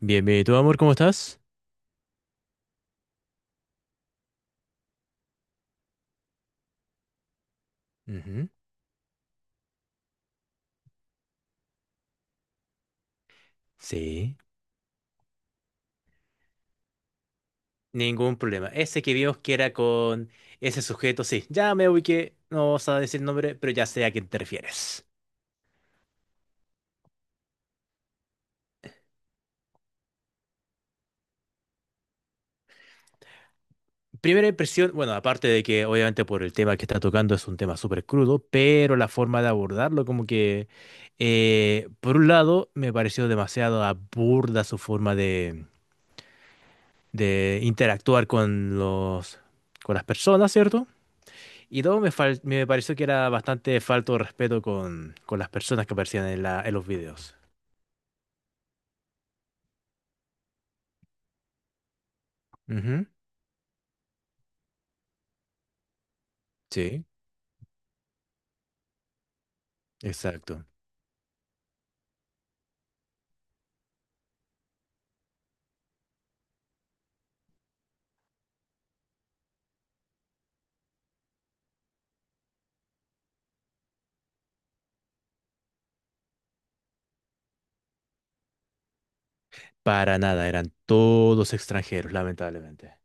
Bienvenido, amor, ¿cómo estás? Ujú. Sí. Ningún problema. Ese que vimos que era con ese sujeto, sí, ya me ubiqué, no vas a decir el nombre, pero ya sé a quién te refieres. Primera impresión, bueno, aparte de que obviamente por el tema que está tocando es un tema súper crudo, pero la forma de abordarlo como que, por un lado, me pareció demasiado aburda su forma de, interactuar con las personas, ¿cierto? Y todo me pareció que era bastante falto de respeto con, las personas que aparecían en los videos. Ujú. Sí, exacto. Para nada, eran todos extranjeros, lamentablemente.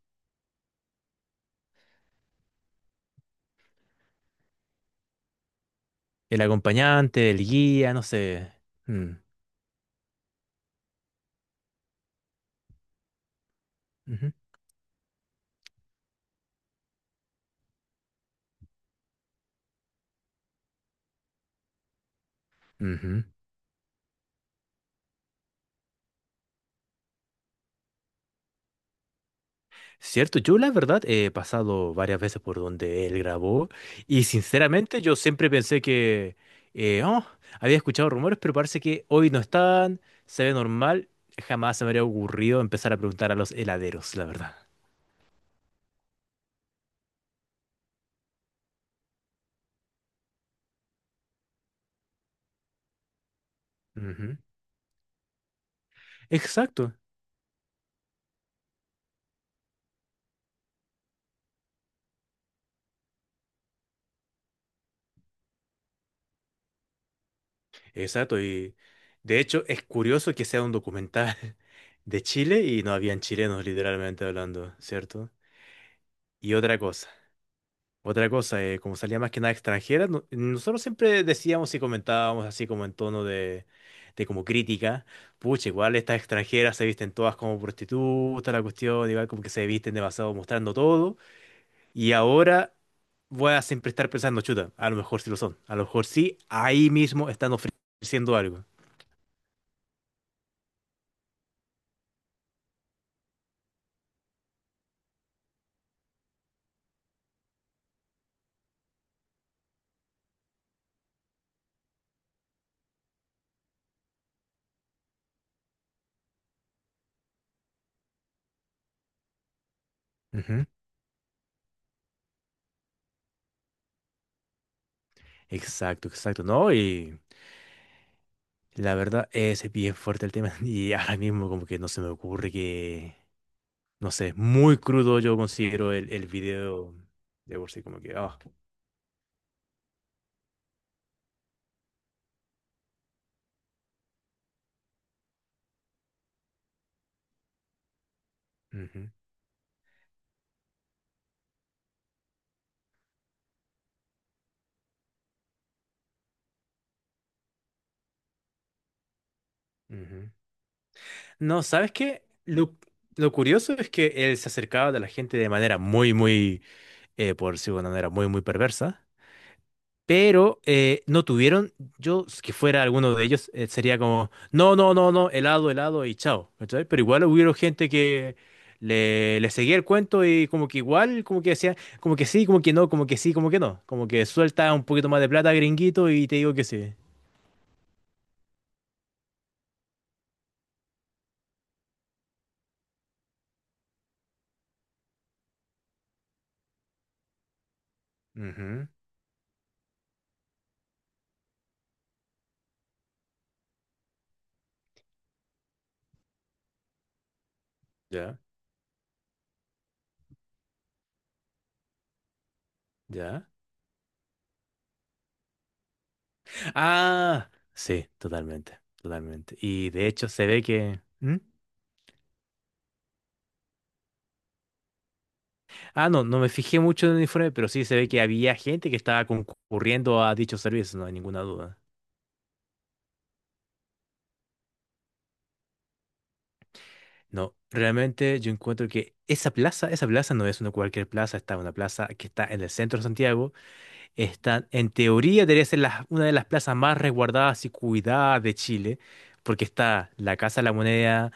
El acompañante, el guía, no sé. Mm, ujú, ujú. Cierto, yo la verdad he pasado varias veces por donde él grabó y sinceramente yo siempre pensé que eh, oh, había escuchado rumores, pero parece que hoy no están, se ve normal, jamás se me habría ocurrido empezar a preguntar a los heladeros, la verdad. Ujú. Exacto, exacto, y de hecho es curioso que sea un documental de Chile y no habían chilenos literalmente hablando, ¿cierto? Y otra cosa. Otra cosa, como salía más que nada extranjera, nosotros siempre decíamos y comentábamos así como en tono de, como crítica, pucha, igual estas extranjeras se visten todas como prostitutas, la cuestión, igual como que se visten demasiado mostrando todo, y ahora voy a siempre estar pensando, chuta, a lo mejor sí lo son, a lo mejor sí, ahí mismo están ofreciendo algo. Ujú. Exacto, exacto, ¿no? Y la verdad es bien fuerte el tema, y ahora mismo como que no se me ocurre que. No sé, muy crudo yo considero el video de por sí, como que, ujú, ujú. No, ¿sabes qué? Lo curioso es que él se acercaba a la gente de manera muy, muy, por decirlo de una manera muy, muy perversa. Pero no tuvieron, yo, si que fuera alguno de ellos, sería como, no, no, no, no, helado, helado y chao, ¿cachai? Pero igual hubo gente que le seguía el cuento y como que igual, como que decía, como que sí, como que no, como que sí, como que no, como que suelta un poquito más de plata, gringuito, y te digo que sí. Ujú, ya, ya. Ah, sí, totalmente, totalmente. Y de hecho se ve que. ¿Mm? Ah, no, no me fijé mucho en el informe, pero sí se ve que había gente que estaba concurriendo a dichos servicios, no hay ninguna duda. No, realmente yo encuentro que esa plaza no es una cualquier plaza, está una plaza que está en el centro de Santiago. Está, en teoría, debería ser una de las plazas más resguardadas y cuidadas de Chile, porque está la Casa de la Moneda,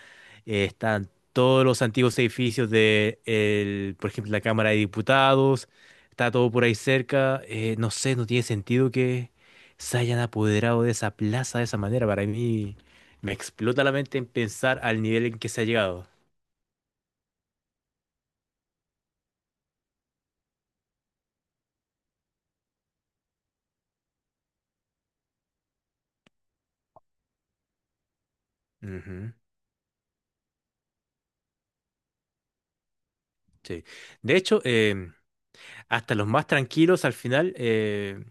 están todos los antiguos edificios por ejemplo, la Cámara de Diputados, está todo por ahí cerca. No sé, no tiene sentido que se hayan apoderado de esa plaza de esa manera. Para mí, me explota la mente en pensar al nivel en que se ha llegado. Ujú, sí. De hecho, hasta los más tranquilos al final. eh,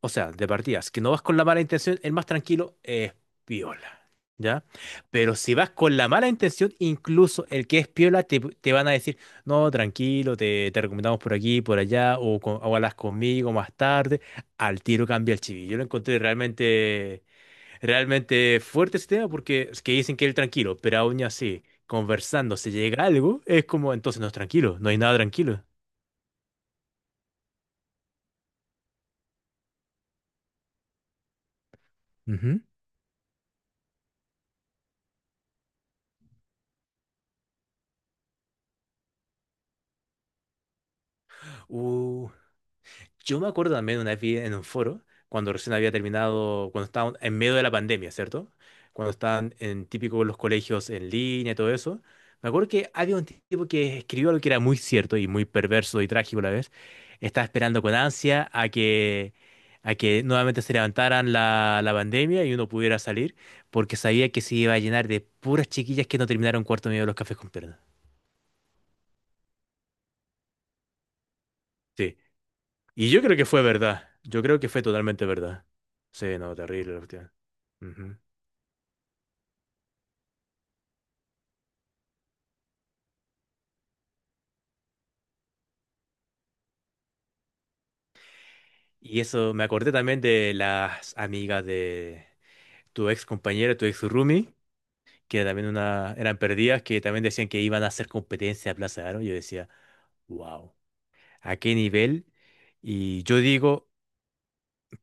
O sea, de partidas, que no vas con la mala intención, el más tranquilo es piola, ¿ya? Pero si vas con la mala intención, incluso el que es piola te van a decir, no, tranquilo, te recomendamos por aquí, por allá, o hablas conmigo más tarde, al tiro cambia el chiví. Yo lo encontré realmente, realmente fuerte ese tema porque es que dicen que es el tranquilo, pero aún así, conversando, se llega a algo, es como, entonces no es tranquilo, no hay nada tranquilo. Ujú. Yo me acuerdo también una vez vi en un foro, cuando recién había terminado, cuando estaban en medio de la pandemia, ¿cierto? Cuando estaban en típico los colegios en línea y todo eso. Me acuerdo que había un tipo que escribió algo que era muy cierto y muy perverso y trágico a la vez. Estaba esperando con ansia a que, nuevamente se levantaran la pandemia y uno pudiera salir, porque sabía que se iba a llenar de puras chiquillas que no terminaron cuarto medio de los cafés con piernas. Sí. Y yo creo que fue verdad. Yo creo que fue totalmente verdad. Sí, no, terrible la cuestión. Ujú. Y eso, me acordé también de las amigas de tu ex compañera, tu ex roomie, que también una, eran perdidas, que también decían que iban a hacer competencia a Plaza de Aro. Yo decía, wow, ¿a qué nivel? Y yo digo.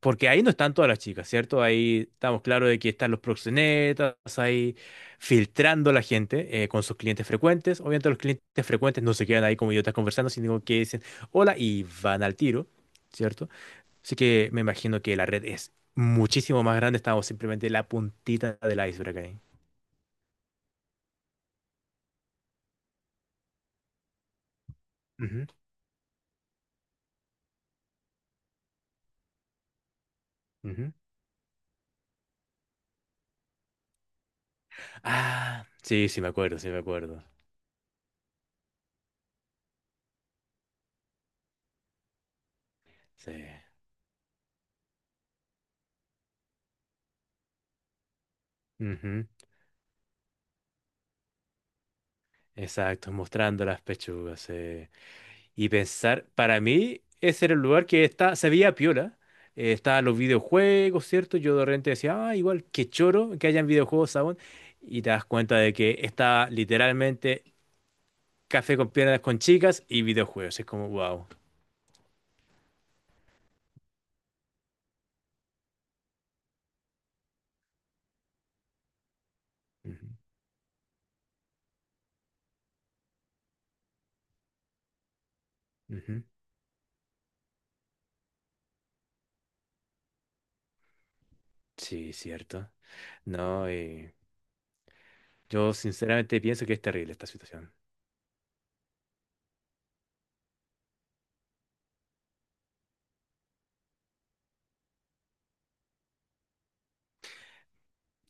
Porque ahí no están todas las chicas, ¿cierto? Ahí estamos claros de que están los proxenetas, ahí filtrando a la gente con sus clientes frecuentes. Obviamente los clientes frecuentes no se quedan ahí como idiotas conversando, sino que dicen hola y van al tiro, ¿cierto? Así que me imagino que la red es muchísimo más grande, estamos simplemente en la puntita del iceberg ahí. Ujú, ujú. Ah, sí, sí me acuerdo, sí me acuerdo. Sí. Ujú. Exacto, mostrando las pechugas, sí. Y pensar, para mí, ese era el lugar que está, se veía piola. Estaban los videojuegos, ¿cierto? Yo de repente decía, ah, igual, qué choro que hayan videojuegos aún. Y te das cuenta de que está literalmente café con piernas con chicas y videojuegos. Es como, wow. Sí, cierto. No, yo sinceramente pienso que es terrible esta situación.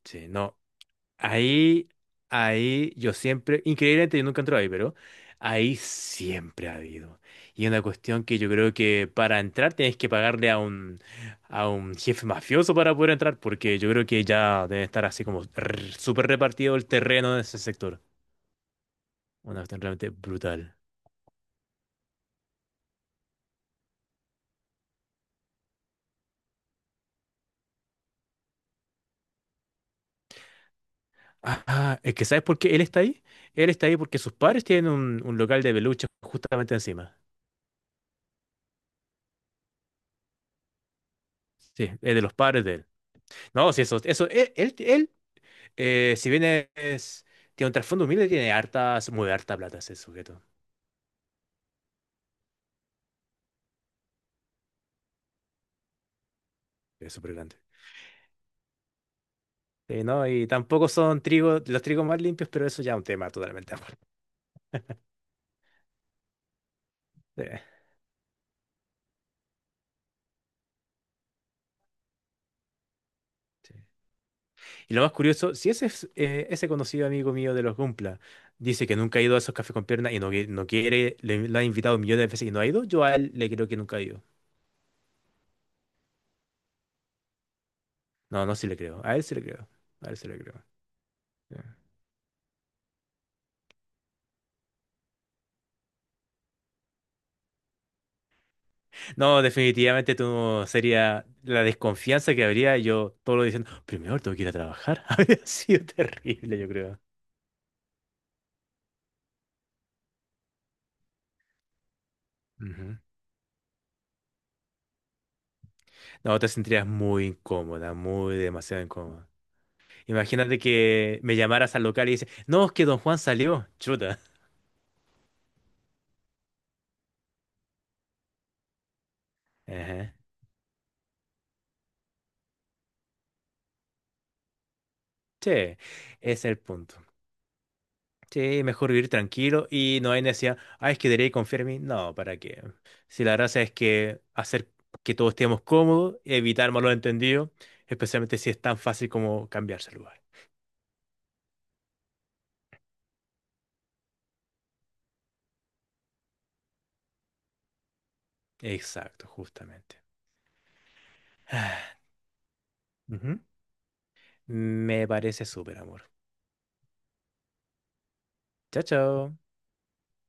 Sí, no. Ahí, ahí, yo siempre, increíblemente yo nunca entré ahí, pero ahí siempre ha habido. Y es una cuestión que yo creo que para entrar tienes que pagarle a un jefe mafioso para poder entrar, porque yo creo que ya debe estar así como súper repartido el terreno en ese sector. Una cuestión realmente brutal. Ah, es que ¿sabes por qué él está ahí? Él está ahí porque sus padres tienen un local de peluches justamente encima. Sí, es de los padres de él. No, sí, eso, él. Si bien es, tiene un trasfondo humilde, tiene muy harta plata ese sujeto. Es súper grande. Sí, ¿no? Y tampoco son los trigos más limpios, pero eso ya es un tema totalmente aparte. Sí, sí. Y lo más curioso, si ese conocido amigo mío de los Gumpla dice que nunca ha ido a esos cafés con piernas y no quiere, lo ha invitado millones de veces y no ha ido, yo a él le creo que nunca ha ido. No, no, sí le creo. A él sí le creo. A él sí le creo. Sí. No, definitivamente tú sería la desconfianza que habría. Yo todo lo diciendo, primero tengo que ir a trabajar. Habría sido terrible, yo creo. Ujú. No, te sentirías muy incómoda, muy demasiado incómoda. Imagínate que me llamaras al local y dices, no, es que don Juan salió. Chuta. Ajá. Che, ese es el punto. Sí, mejor vivir tranquilo y no hay necesidad, ah, es que debería confiar en mí. No, ¿para qué? Si la gracia es que hacer que todos estemos cómodos, evitar malos entendidos, especialmente si es tan fácil como cambiarse de lugar. Exacto, justamente. Ujú. Me parece súper, amor. Chao, chao.